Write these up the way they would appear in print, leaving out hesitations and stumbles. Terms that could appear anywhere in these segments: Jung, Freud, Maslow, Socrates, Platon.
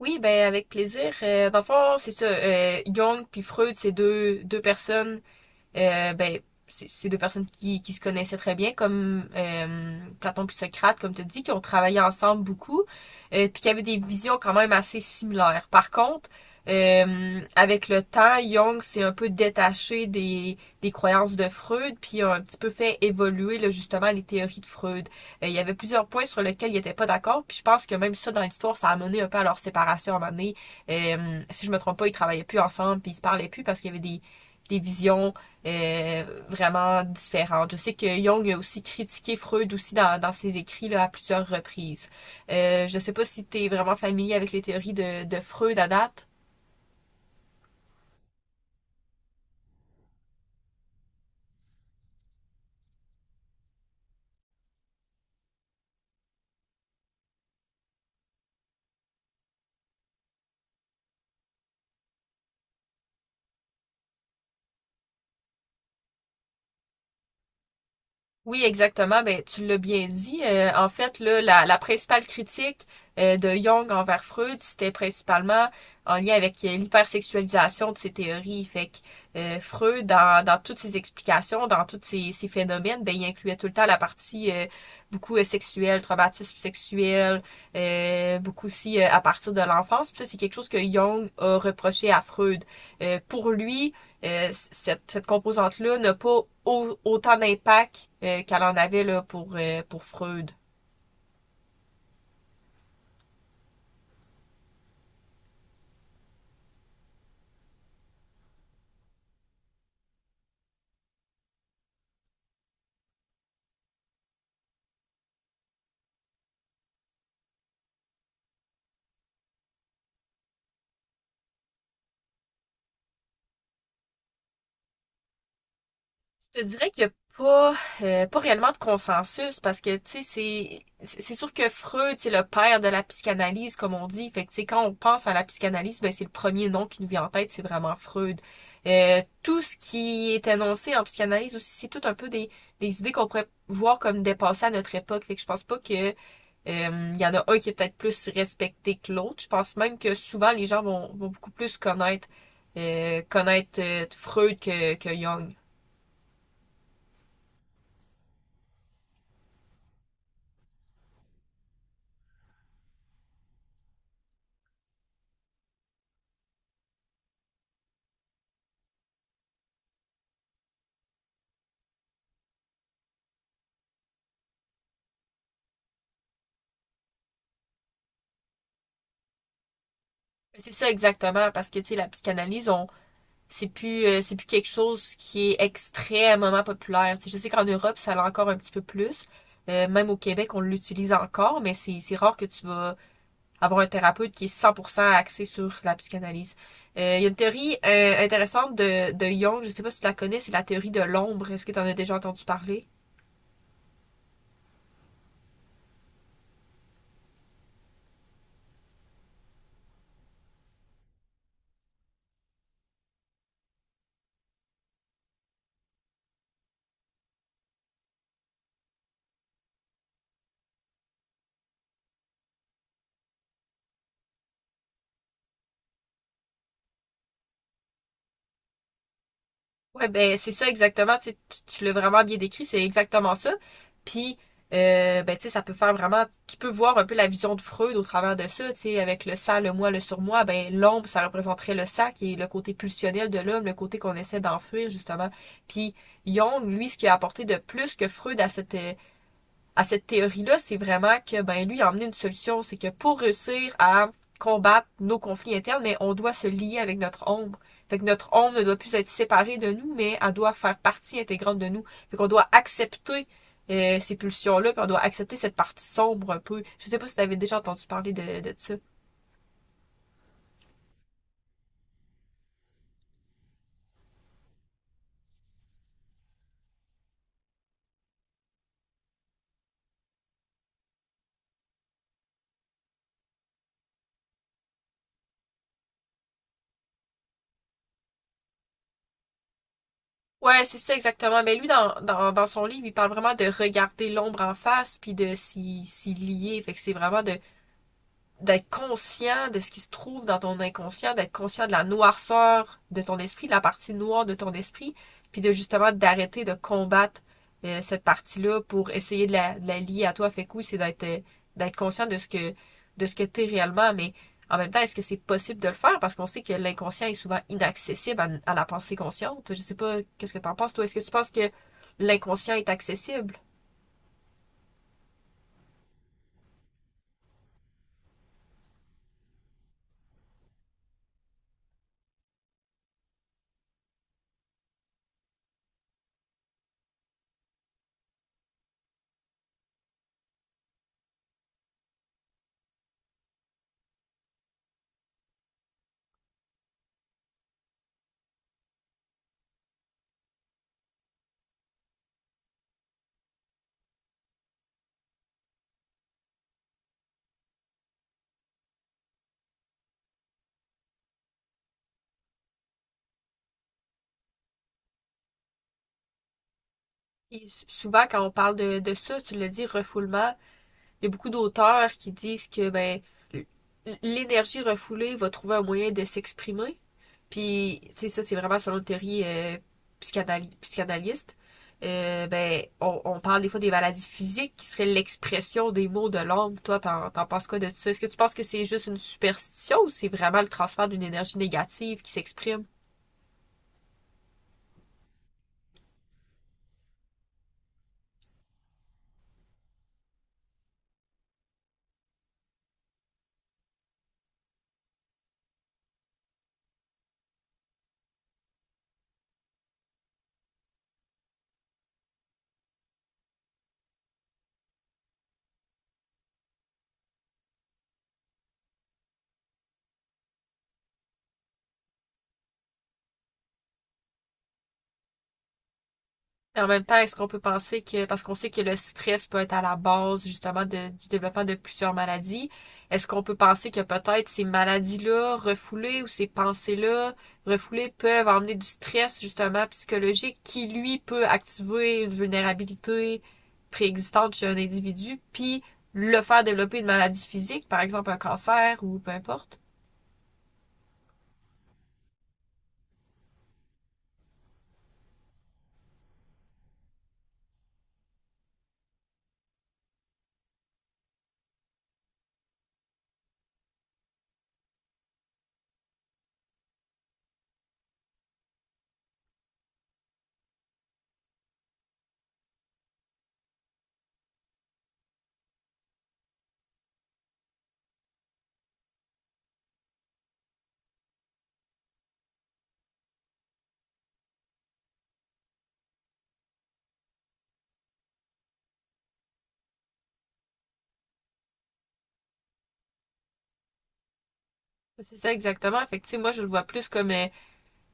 Oui, ben avec plaisir. Dans le fond, c'est ça. Jung puis Freud, c'est deux personnes euh, ben, c'est deux personnes qui se connaissaient très bien, comme Platon puis Socrate, comme tu as dit qui ont travaillé ensemble beaucoup, puis qui avaient des visions quand même assez similaires. Par contre, avec le temps, Jung s'est un peu détaché des croyances de Freud, puis a un petit peu fait évoluer là, justement les théories de Freud. Il y avait plusieurs points sur lesquels il n'était pas d'accord, puis je pense que même ça dans l'histoire, ça a mené un peu à leur séparation à un moment donné. Si je me trompe pas, ils travaillaient plus ensemble, puis ils se parlaient plus parce qu'il y avait des visions euh, vraiment différentes. Je sais que Jung a aussi critiqué Freud aussi dans ses écrits là, à plusieurs reprises. Je ne sais pas si tu es vraiment familier avec les théories de Freud à date. Oui, exactement. Ben, tu l'as bien dit. En fait, là, la principale critique de Jung envers Freud, c'était principalement en lien avec l'hypersexualisation de ses théories. Fait que Freud, dans toutes ses explications, dans tous ses phénomènes, ben, il incluait tout le temps la partie beaucoup sexuelle, traumatisme sexuel, beaucoup aussi à partir de l'enfance. Puis ça, c'est quelque chose que Jung a reproché à Freud. Pour lui, cette composante-là n'a pas autant d'impact qu'elle en avait là, pour Freud. Je te dirais qu'il n'y a pas, pas réellement de consensus parce que, tu sais, c'est sûr que Freud, c'est le père de la psychanalyse, comme on dit. Fait que, tu sais, quand on pense à la psychanalyse, ben, c'est le premier nom qui nous vient en tête, c'est vraiment Freud. Tout ce qui est annoncé en psychanalyse aussi, c'est tout un peu des idées qu'on pourrait voir comme dépassées à notre époque. Fait que je pense pas que, il y en a un qui est peut-être plus respecté que l'autre. Je pense même que souvent les gens vont beaucoup plus connaître Freud que Jung. C'est ça exactement, parce que tu sais, la psychanalyse, on c'est plus quelque chose qui est extrêmement populaire. Tu sais, je sais qu'en Europe, ça l'a encore un petit peu plus. Même au Québec, on l'utilise encore, mais c'est rare que tu vas avoir un thérapeute qui est 100% axé sur la psychanalyse. Il y a une théorie intéressante de Jung, je sais pas si tu la connais, c'est la théorie de l'ombre. Est-ce que tu en as déjà entendu parler? Ouais, ben c'est ça exactement, tu sais, tu l'as vraiment bien décrit, c'est exactement ça. Puis ben tu sais, ça peut faire vraiment tu peux voir un peu la vision de Freud au travers de ça, tu sais, avec le ça, le moi, le surmoi, ben l'ombre, ça représenterait le ça qui est le côté pulsionnel de l'homme, le côté qu'on essaie d'enfuir justement. Puis Jung, lui, ce qu'il a apporté de plus que Freud à cette théorie-là, c'est vraiment que ben lui il a emmené une solution, c'est que pour réussir à combattre nos conflits internes, mais on doit se lier avec notre ombre. Fait que notre ombre ne doit plus être séparée de nous, mais elle doit faire partie intégrante de nous. Fait qu'on doit accepter ces pulsions-là, puis on doit accepter cette partie sombre un peu. Je sais pas si t'avais déjà entendu parler de ça. Ouais, c'est ça exactement. Mais lui, dans son livre, il parle vraiment de regarder l'ombre en face, puis de s'y lier. Fait que c'est vraiment de d'être conscient de ce qui se trouve dans ton inconscient, d'être conscient de la noirceur de ton esprit, de la partie noire de ton esprit, puis de justement d'arrêter de combattre cette partie-là pour essayer de de la lier à toi. Fait que oui, c'est d'être d'être conscient de ce que t'es réellement, mais en même temps, est-ce que c'est possible de le faire? Parce qu'on sait que l'inconscient est souvent inaccessible à la pensée consciente. Je sais pas, qu'est-ce que t'en penses, toi? Est-ce que tu penses que l'inconscient est accessible? Et souvent, quand on parle de ça, tu le dis, refoulement, il y a beaucoup d'auteurs qui disent que ben l'énergie refoulée va trouver un moyen de s'exprimer. Puis, tu sais, ça, c'est vraiment selon une théorie psychanalyste. Ben, on parle des fois des maladies physiques qui seraient l'expression des mots de l'homme. Toi, t'en penses quoi de tout ça? Est-ce que tu penses que c'est juste une superstition ou c'est vraiment le transfert d'une énergie négative qui s'exprime? Et en même temps, est-ce qu'on peut penser que, parce qu'on sait que le stress peut être à la base justement du développement de plusieurs maladies, est-ce qu'on peut penser que peut-être ces maladies-là refoulées ou ces pensées-là refoulées peuvent emmener du stress justement psychologique qui, lui, peut activer une vulnérabilité préexistante chez un individu, puis le faire développer une maladie physique, par exemple un cancer ou peu importe? C'est ça exactement. Fait que, tu sais, moi, je le vois plus comme...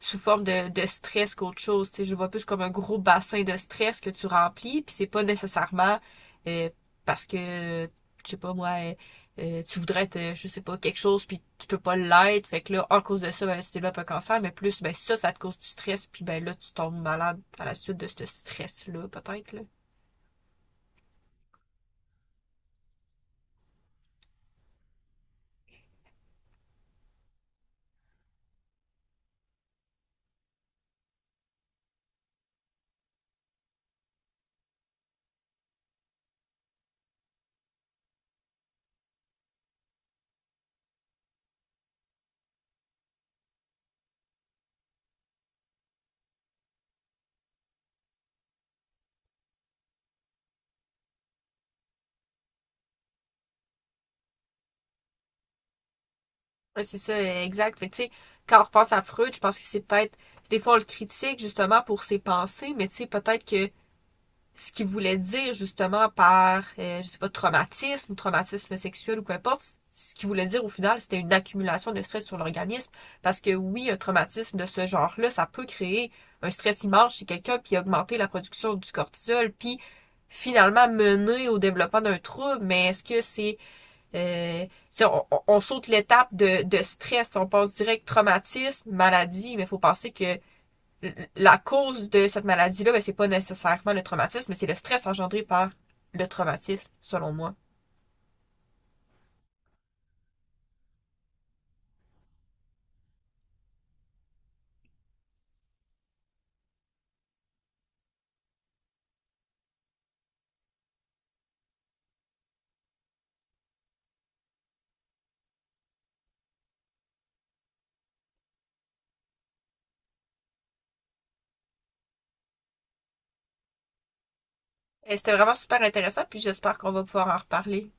sous forme de stress qu'autre chose. Tu sais, je vois plus comme un gros bassin de stress que tu remplis, puis c'est pas nécessairement euh, parce que, je sais pas moi, tu voudrais être, je sais pas, quelque chose, puis tu peux pas l'être. Fait que là, en cause de ça, ben, là, tu développes un cancer, mais plus, ben ça te cause du stress, puis ben là, tu tombes malade à la suite de ce stress-là, peut-être, là. Ouais, c'est ça, exact. Fait que, tu sais, quand on repense à Freud, je pense que c'est peut-être, des fois, on le critique, justement, pour ses pensées, mais tu sais, peut-être que ce qu'il voulait dire justement par, je sais pas, traumatisme sexuel ou peu importe, ce qu'il voulait dire au final, c'était une accumulation de stress sur l'organisme. Parce que oui, un traumatisme de ce genre-là, ça peut créer un stress immense chez quelqu'un, puis augmenter la production du cortisol, puis finalement mener au développement d'un trouble, mais est-ce que c'est... Euh, on, saute l'étape de stress, on passe direct traumatisme, maladie, mais il faut penser que la cause de cette maladie-là, ben, c'est pas nécessairement le traumatisme, mais c'est le stress engendré par le traumatisme, selon moi. Et c'était vraiment super intéressant, puis j'espère qu'on va pouvoir en reparler